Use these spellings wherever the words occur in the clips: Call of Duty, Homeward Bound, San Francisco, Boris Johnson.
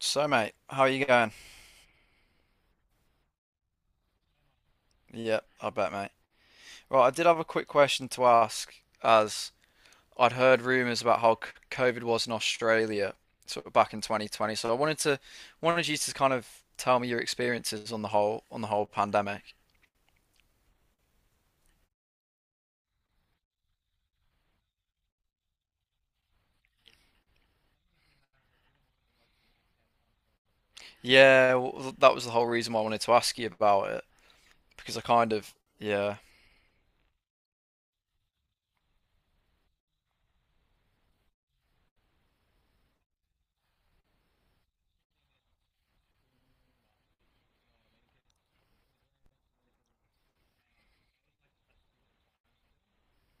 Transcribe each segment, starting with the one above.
So, mate, how are you going? Yeah, I bet, mate. Right, I did have a quick question to ask, as I'd heard rumours about how COVID was in Australia, sort of back in 2020. So I wanted you to kind of tell me your experiences on the whole pandemic. Yeah, well, that was the whole reason why I wanted to ask you about it because I kind of. Yeah.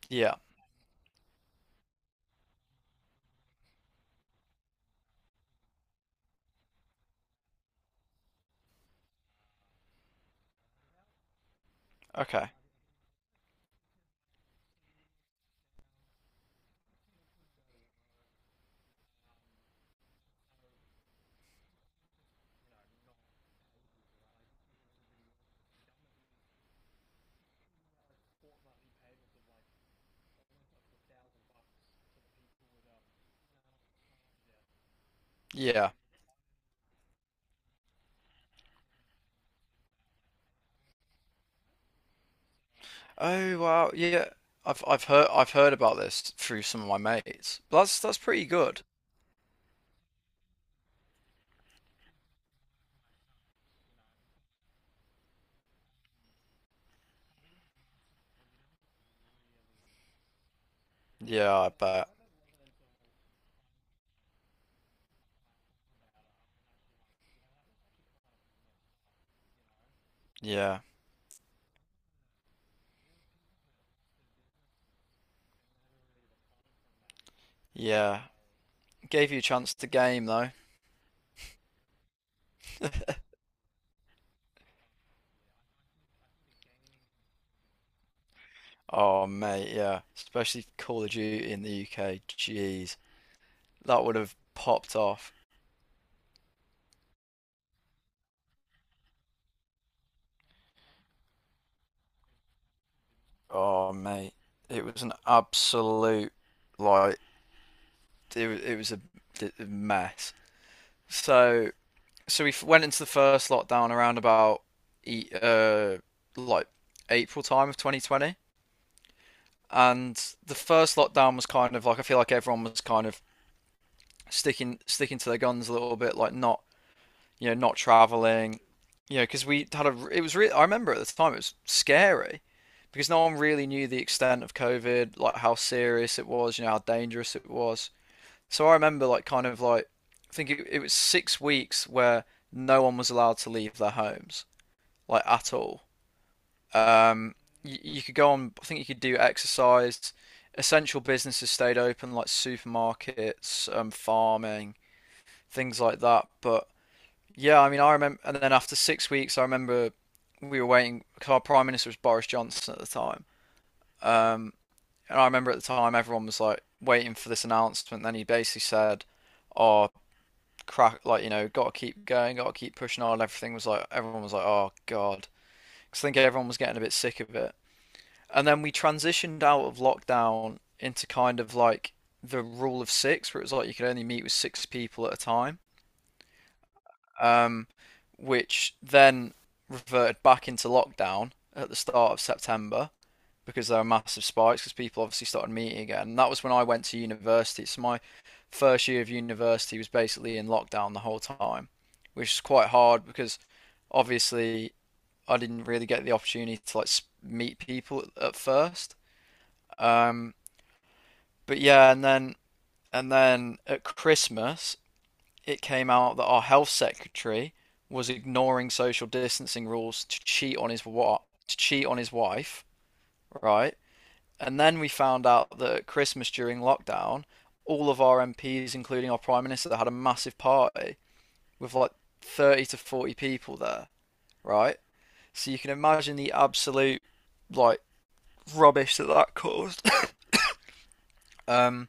Yeah. Okay. Yeah. Oh, wow, yeah. I've heard about this through some of my mates. But that's pretty good. Yeah, I bet. Yeah. Yeah. Gave you a chance to game though. Oh mate, yeah. Especially Call of Duty in the UK. Jeez. That would have popped off. Oh mate. It was an absolute, like, it was a mess. So so we went into the first lockdown around about e- uh like April time of 2020. And the first lockdown was kind of like, I feel like everyone was kind of sticking to their guns a little bit, like not, you know, not traveling, you know, because we had a, it was really, I remember at the time it was scary because no one really knew the extent of COVID, like how serious it was, you know, how dangerous it was. So I remember, like kind of like, I think it was 6 weeks where no one was allowed to leave their homes, like at all. Um, you could go on, I think you could do exercise. Essential businesses stayed open, like supermarkets, farming, things like that. But yeah, I mean, I remember, and then after 6 weeks, I remember we were waiting because our prime minister was Boris Johnson at the time. Um, and I remember at the time everyone was like waiting for this announcement. And then he basically said, "Oh, crack! Like, you know, got to keep going, got to keep pushing on." Everything was like, everyone was like, "Oh God," because I think everyone was getting a bit sick of it. And then we transitioned out of lockdown into kind of like the rule of six, where it was like you could only meet with six people at a time. Um, which then reverted back into lockdown at the start of September because there were massive spikes because people obviously started meeting again. And that was when I went to university. So my first year of university was basically in lockdown the whole time, which is quite hard because obviously I didn't really get the opportunity to like meet people at first. Um, but yeah, and then at Christmas it came out that our health secretary was ignoring social distancing rules to cheat on his to cheat on his wife, right? And then we found out that at Christmas during lockdown, all of our MPs, including our prime minister, had a massive party with like 30 to 40 people there, right? So you can imagine the absolute, like, rubbish that that caused. um,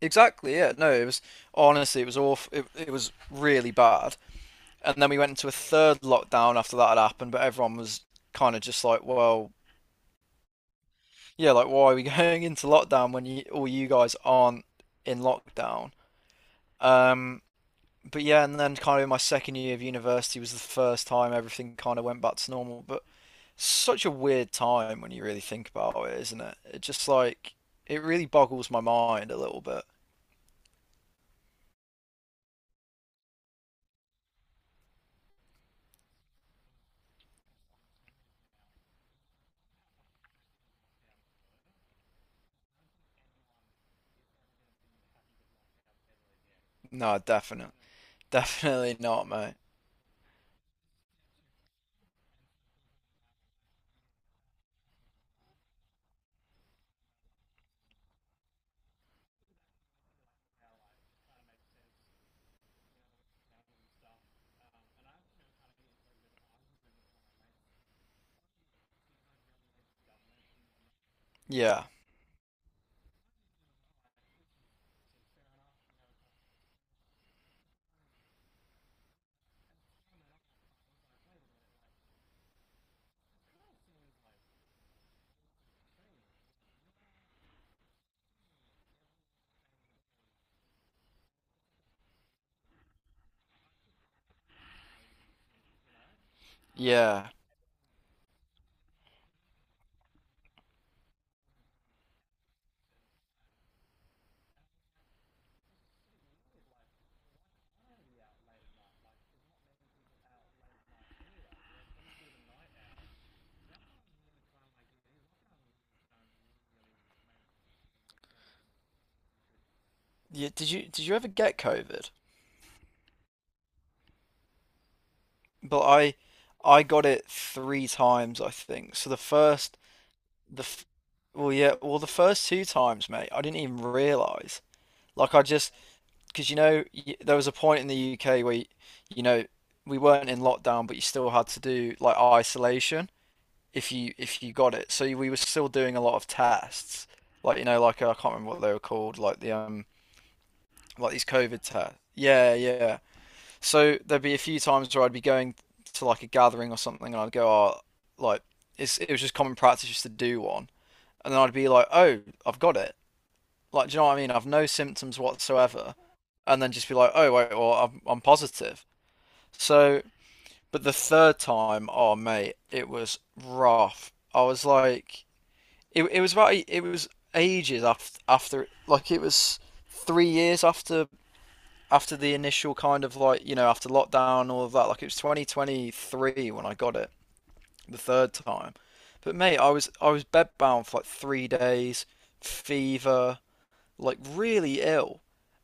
exactly. Yeah. No, it was honestly, it was awful. It was really bad. And then we went into a third lockdown after that had happened, but everyone was kind of just like, well, yeah, like why are we going into lockdown when all you guys aren't in lockdown? Um, but yeah, and then kind of in my second year of university was the first time everything kind of went back to normal. But such a weird time when you really think about it, isn't it? It just, like, it really boggles my mind a little bit. No, definitely, definitely not, mate. Yeah, yeah, yeah. Did you ever get COVID? But I got it three times, I think. So the first the f- well, yeah, well, the first two times, mate, I didn't even realize. Like, I just, because, you know y there was a point in the UK where you know we weren't in lockdown, but you still had to do like isolation if you got it. So we were still doing a lot of tests, like, you know, like I can't remember what they were called, like the like these COVID tests. Yeah, yeah. So there'd be a few times where I'd be going to like a gathering or something, and I'd go, "Oh, like it's, it was just common practice just to do one," and then I'd be like, "Oh, I've got it." Like, do you know what I mean? I've no symptoms whatsoever, and then just be like, "Oh, wait, well, I'm positive." So, but the third time, oh mate, it was rough. I was like, it was ages after like it was 3 years after the initial, kind of like, you know, after lockdown, all of that, like it was 2023 when I got it the third time. But mate, I was bedbound for like 3 days, fever, like really ill.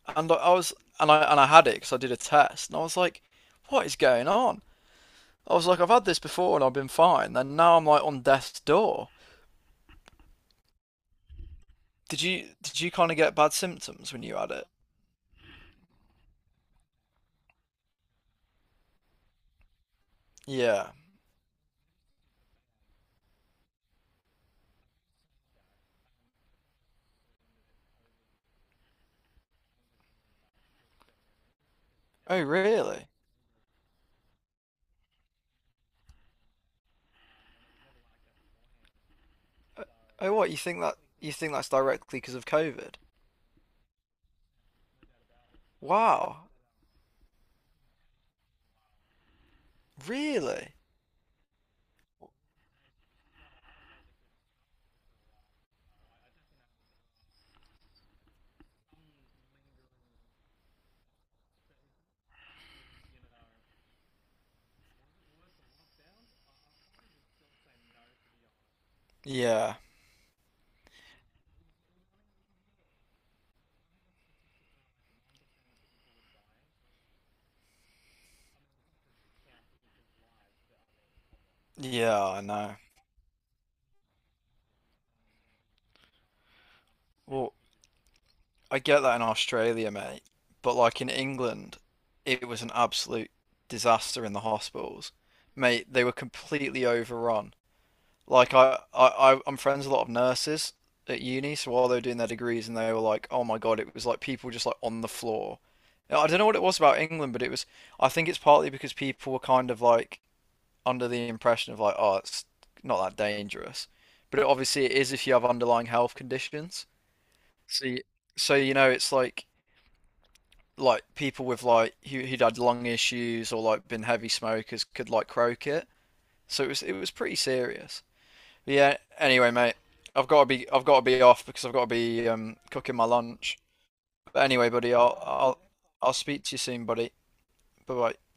And I was and I had it because I did a test and I was like, what is going on? I was like, I've had this before and I've been fine, and now I'm like on death's door. Did you kind of get bad symptoms when you had it? Yeah. Oh really? Oh, what, you think that's directly because of COVID? Wow. Really? Yeah. Yeah, I know. Well, I get that in Australia, mate. But like in England, it was an absolute disaster in the hospitals. Mate, they were completely overrun. Like, I'm friends with a lot of nurses at uni, so while they were doing their degrees and they were like, oh my God, it was like people just like on the floor. I don't know what it was about England, but it was, I think it's partly because people were kind of like under the impression of like, oh, it's not that dangerous, but obviously it is if you have underlying health conditions. So, so you know, it's like people with, like, who'd had lung issues or like been heavy smokers could like croak it. So it was pretty serious. But yeah. Anyway, mate, I've got to be off because I've got to be cooking my lunch. But anyway, buddy, I'll speak to you soon, buddy. Bye bye.